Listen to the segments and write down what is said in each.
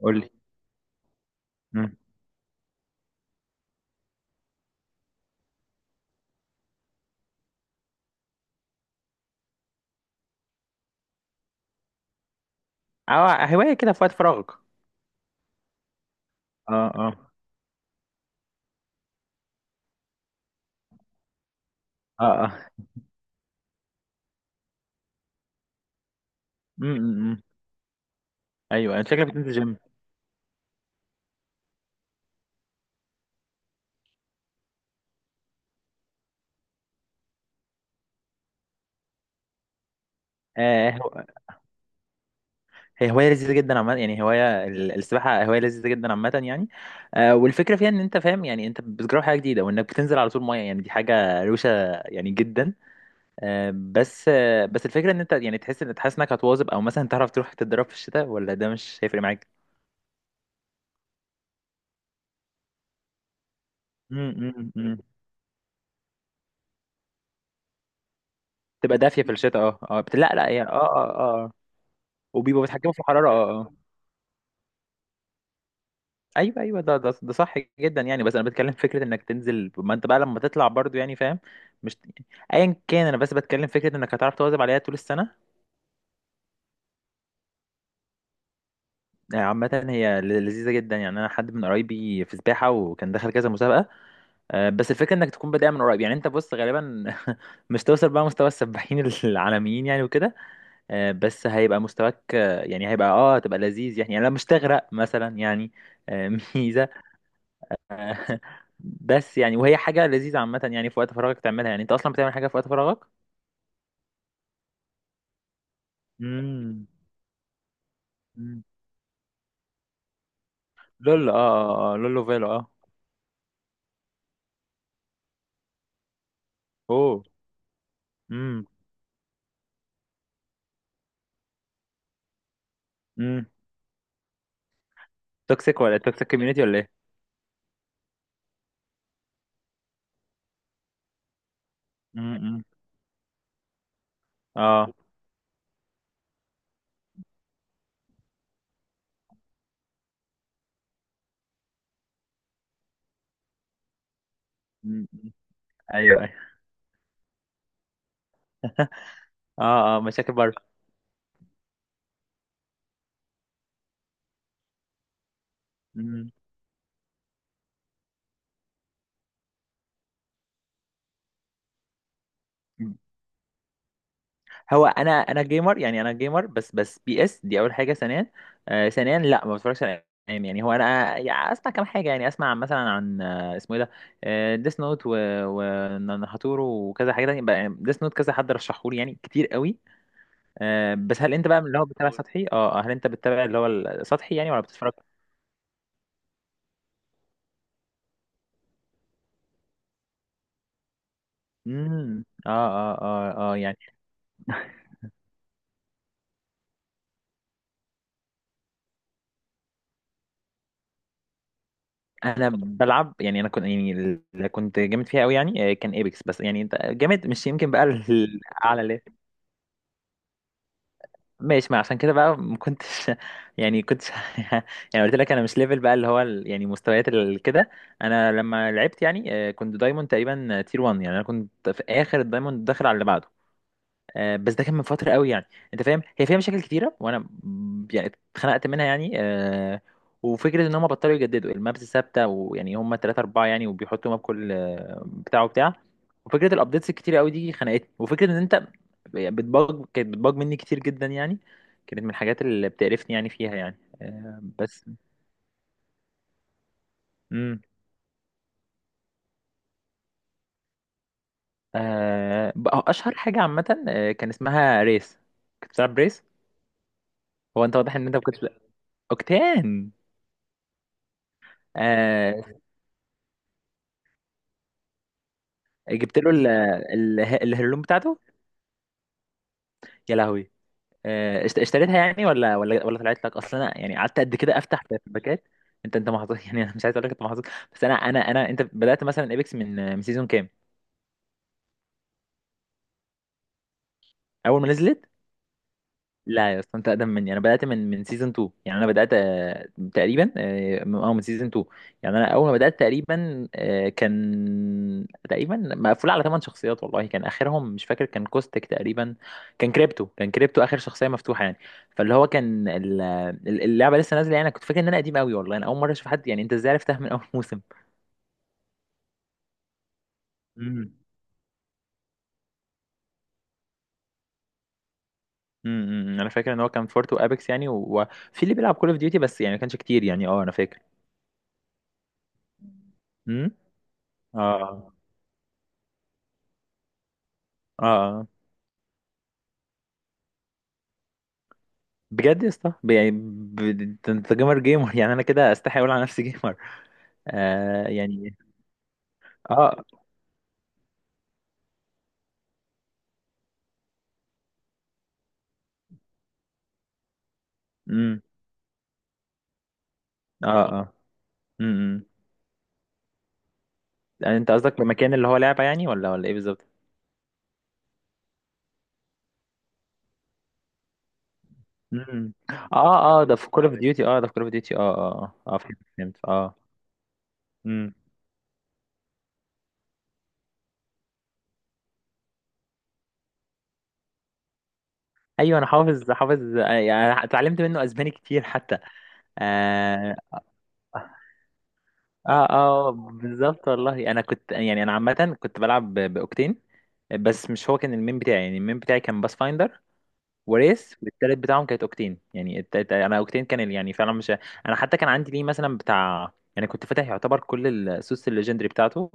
قول لي. مم. اه، هواية كده في وقت فراغك؟ اه، اه، اه، اه. مم، مم، مم. ايوه، شكلك بتنزل جيم. آه هو- هي هواية لذيذة جدا عامة، يعني هواية السباحة هواية لذيذة جدا عامة يعني. والفكرة فيها ان انت فاهم، يعني انت بتجرب حاجة جديدة وانك بتنزل على طول مية، يعني دي حاجة روشة يعني جدا. بس الفكرة ان انت يعني تحس تحس انك هتواظب، او مثلا تعرف تروح تتدرب في الشتاء، ولا ده مش هيفرق معاك. مم، مم، مم. تبقى دافية في الشتاء، اه اه، لا لا هي، اه اه اه. وبيبقوا بيتحكموا في الحرارة، اه اه. ايوه ايوه، ده صح جدا، يعني بس انا بتكلم في فكره انك تنزل، ما انت بقى لما تطلع برضو يعني، فاهم؟ مش ايا كان، انا بس بتكلم في فكره انك هتعرف تواظب عليها طول السنه. يعني عامه هي لذيذه جدا يعني. انا حد من قرايبي في سباحه وكان دخل كذا مسابقه. آه، بس الفكره انك تكون بادئ من قريب يعني. انت بص، غالبا مش توصل بقى مستوى السباحين العالميين يعني وكده. آه، بس هيبقى مستواك، يعني هيبقى، هتبقى لذيذ يعني لا مش تغرق مثلا يعني. آه، ميزه. بس يعني وهي حاجة لذيذة عامة يعني، في وقت فراغك تعملها. يعني انت اصلا بتعمل حاجة في وقت فراغك؟ امم. أمم. لول، آه، آه، لولو فيلو اه. اوه. امم. امم. توكسيك ولا توكسيك كوميونيتي ولا ايه؟ أمم. أمم. اه. أمم. ايوه ايوه. اه اه، مشاكل بره. أمم. هو انا، جيمر يعني، انا جيمر بس بي اس دي اول حاجه. ثانيا، ثانيا لا ما بتفرجش على انمي يعني. هو انا يعني اسمع كام حاجه، يعني اسمع مثلا عن، اسمه ايه ده، ديس نوت وناتورو وكذا حاجه تانية بقى. ديس نوت كذا حد رشحه لي يعني كتير قوي. آه، بس هل انت بقى من اللي هو بتتابع سطحي؟ هل انت بتتابع اللي هو السطحي يعني، ولا بتتفرج؟ امم. اه اه اه اه. يعني انا بلعب يعني، انا كنت يعني اللي كنت جامد فيها قوي يعني، آه، كان ايبكس. بس يعني انت جامد، مش يمكن بقى الاعلى. ماشي، ما عشان كده بقى ما كنتش يعني كنتش. يعني قلت لك انا مش ليفل بقى اللي هو يعني مستويات كده. انا لما لعبت يعني، آه، كنت دايموند تقريبا تير 1، يعني انا كنت في اخر الدايموند داخل على اللي بعده. آه، بس ده كان من فترة قوي يعني. انت فاهم هي فيها مشاكل كتيرة، وانا يعني اتخنقت منها يعني، آه. وفكرة ان هم بطلوا يجددوا المابس ثابتة، ويعني هم تلاتة اربعة يعني، وبيحطوا ماب كل، آه، بتاع وبتاع. وفكرة الابديتس الكتيرة قوي دي خنقتني، وفكرة ان انت يعني بتباج، كانت بتباج مني كتير جدا يعني. كانت من الحاجات اللي بتقرفني يعني فيها يعني، آه، بس. امم. آه، بقى اشهر حاجة عامة آه، كان اسمها ريس. كنت بتلعب ريس؟ هو انت واضح ان انت ما كنتش اوكتان. آه، جبت له الهدوم بتاعته؟ يا لهوي. آه، اشتريتها يعني، ولا طلعت لك اصلا؟ انا يعني قعدت قد كده افتح في الباكات. انت انت محظوظ، يعني انا مش عايز اقول لك انت محظوظ. بس انا انت بدات مثلا ايبكس من من سيزون كام؟ اول ما نزلت؟ لا يا اسطى، انت اقدم مني. انا بدات من من سيزون 2 يعني. انا بدات آه، تقريبا اه، من، آه، من سيزون 2 يعني. انا اول ما بدات تقريبا، آه، كان تقريبا مقفول على ثمان شخصيات. والله كان اخرهم مش فاكر، كان كوستك تقريبا. كان كريبتو، كان كريبتو اخر شخصيه مفتوحه يعني. فاللي هو كان اللعبه لسه نازله يعني. انا كنت فاكر ان انا قديم قوي، والله انا اول مره اشوف حد. يعني انت ازاي عرفتها من اول موسم؟ امم. امم. انا فاكر ان هو كان فورت وابيكس يعني، وفي اللي بيلعب كول اوف ديوتي، بس يعني ما كانش كتير يعني. اه، انا فاكر. امم. اه اه. بجد يا اسطى، يعني انت انت جيمر جيمر يعني. انا كده استحي اقول على نفسي جيمر. آه يعني. اه. امم. اه اه. امم. يعني انت قصدك بمكان اللي هو لعبه يعني، ولا ولا ايه بالظبط؟ امم. اه اه، ده في كول اوف ديوتي، اه ده في كول اوف ديوتي، اه اه اه اه، فهمت فهمت اه. امم. ايوه. انا حافظ حافظ، آه، يعني اتعلمت منه اسباني كتير حتى. آه. اه اه، بالظبط والله. انا كنت يعني، انا عامه كنت بلعب باوكتين. بس مش هو كان المين بتاعي يعني، المين بتاعي كان باس فايندر، وريس، والتالت بتاعهم كانت اوكتين يعني. انا اوكتين كان يعني فعلا مش. انا حتى كان عندي ليه مثلا بتاع يعني، كنت فاتح يعتبر كل السوس الليجندري بتاعته.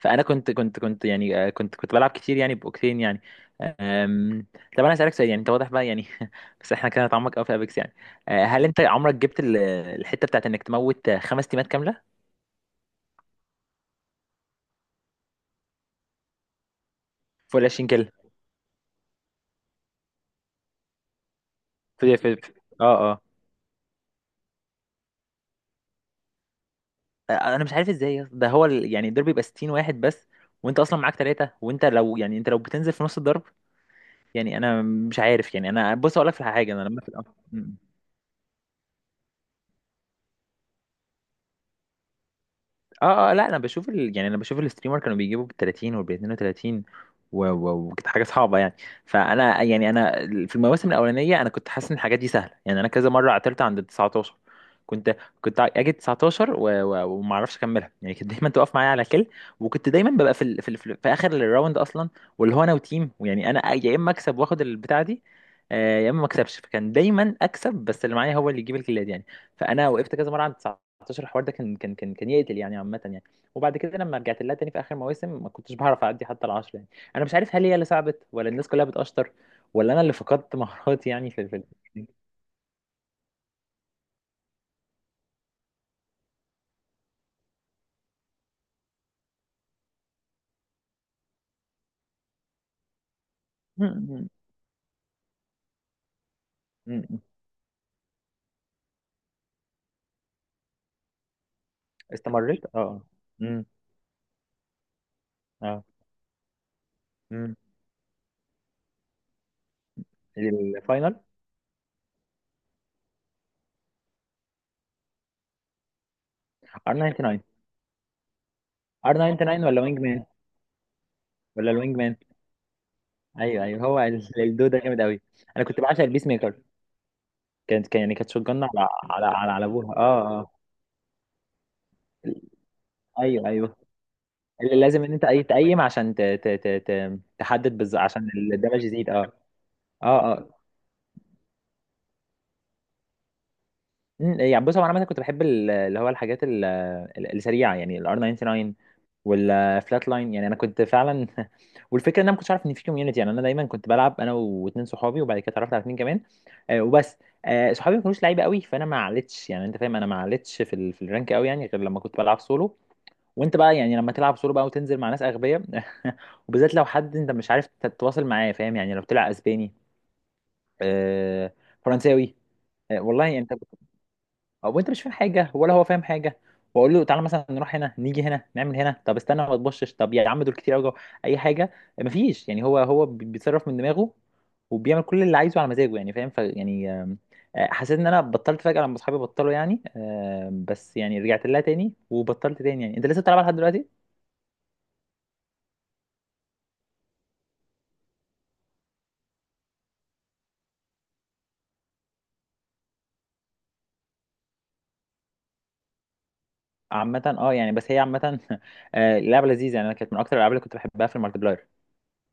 فانا كنت يعني، آه، كنت بلعب كتير يعني باوكتين يعني. أم، طب انا اسالك سؤال. يعني انت واضح بقى يعني، بس احنا كده هنتعمق قوي في ابيكس يعني. آه، هل انت عمرك جبت الحته بتاعت انك تموت خمس تيمات كامله؟ فول 20 كده؟ في في في- اه اه. انا مش عارف ازاي يا اسطى. ده هو ال... يعني الضرب يبقى 60 واحد بس، وانت اصلا معاك ثلاثه، وانت لو يعني، انت لو بتنزل في نص الضرب. يعني انا مش عارف. يعني انا بص، اقول لك على حاجه، انا لما في الأمر. اه اه. لا انا بشوف ال... يعني انا بشوف الستريمر كانوا بيجيبوا بال 30 وبال 32، و... و... وكانت حاجه صعبه يعني. فانا يعني انا، في المواسم الاولانيه، انا كنت حاسس ان الحاجات دي سهله يعني. انا كذا مره عطلت عند ال 19. كنت كنت اجي 19 و... و... وما اعرفش اكملها يعني. كانت دايما تقف معايا على كل. وكنت دايما ببقى في ال... في في اخر الراوند اصلا. واللي هو انا وتيم، ويعني انا يا اما اكسب واخد البتاعه دي، آه، يا اما ما اكسبش. فكان دايما اكسب، بس اللي معايا هو اللي يجيب الكيلات يعني. فانا وقفت كذا مره عند 2019. الحوار ده كان يقتل يعني عامة يعني. وبعد كده لما رجعت لها تاني في آخر مواسم، ما كنتش بعرف أعدي حتى العشرة يعني. أنا مش عارف، هل هي اللي صعبت، ولا الناس كلها بتقشطر، ولا أنا اللي فقدت مهاراتي يعني، في في. م- م- م. استمريت اه. امم. اه. امم. الفاينل. ار 99؟ ار 99 ولا وينج مان؟ ولا الوينج مان؟ ايوه ايوه، هو الدو ده جامد قوي. انا كنت بعشق البيس ميكر. كان يعني كانت شوت جن على على ابوها، اه اه. ايوه ايوه، اللي لازم ان انت اي تقيم عشان تحدد بالظبط، عشان الدمج يزيد اه. اه اه. أمم، يعني بص هو، انا عامه كنت بحب اللي هو الحاجات السريعه يعني، الار 99 والفلات لاين. يعني انا كنت فعلا والفكره ان انا ما كنتش عارف ان في كوميونتي يعني. انا دايما كنت بلعب انا واتنين صحابي، وبعد كده اتعرفت على اتنين كمان. آه، وبس. آه، صحابي ما كانوش لعيبه قوي، فانا ما علتش يعني. انت فاهم، انا ما علتش في الرانك قوي يعني، غير لما كنت بلعب سولو. وانت بقى يعني، لما تلعب سولو بقى وتنزل مع ناس اغبياء، وبالذات لو حد انت مش عارف تتواصل معاه، فاهم يعني؟ لو بتلعب اسباني، آه، فرنساوي، آه، والله انت. او انت مش فاهم حاجه، ولا هو فاهم حاجه. واقول له تعالى مثلا نروح هنا، نيجي هنا، نعمل هنا، طب استنى ما تبصش، طب يا عم دول كتير قوي، اي حاجه. مفيش يعني، هو هو بيتصرف من دماغه، وبيعمل كل اللي عايزه على مزاجه يعني، فاهم؟ ف يعني آم، آه، حسيت ان انا بطلت فجاه لما اصحابي بطلوا يعني، آم، بس يعني رجعت لها تاني وبطلت تاني يعني. انت لسه بتلعبها لحد دلوقتي؟ عامة اه يعني، بس هي عامة آه، لعبة لذيذة يعني. انا كانت من اكتر الالعاب اللي كنت بحبها في المالتي بلاير.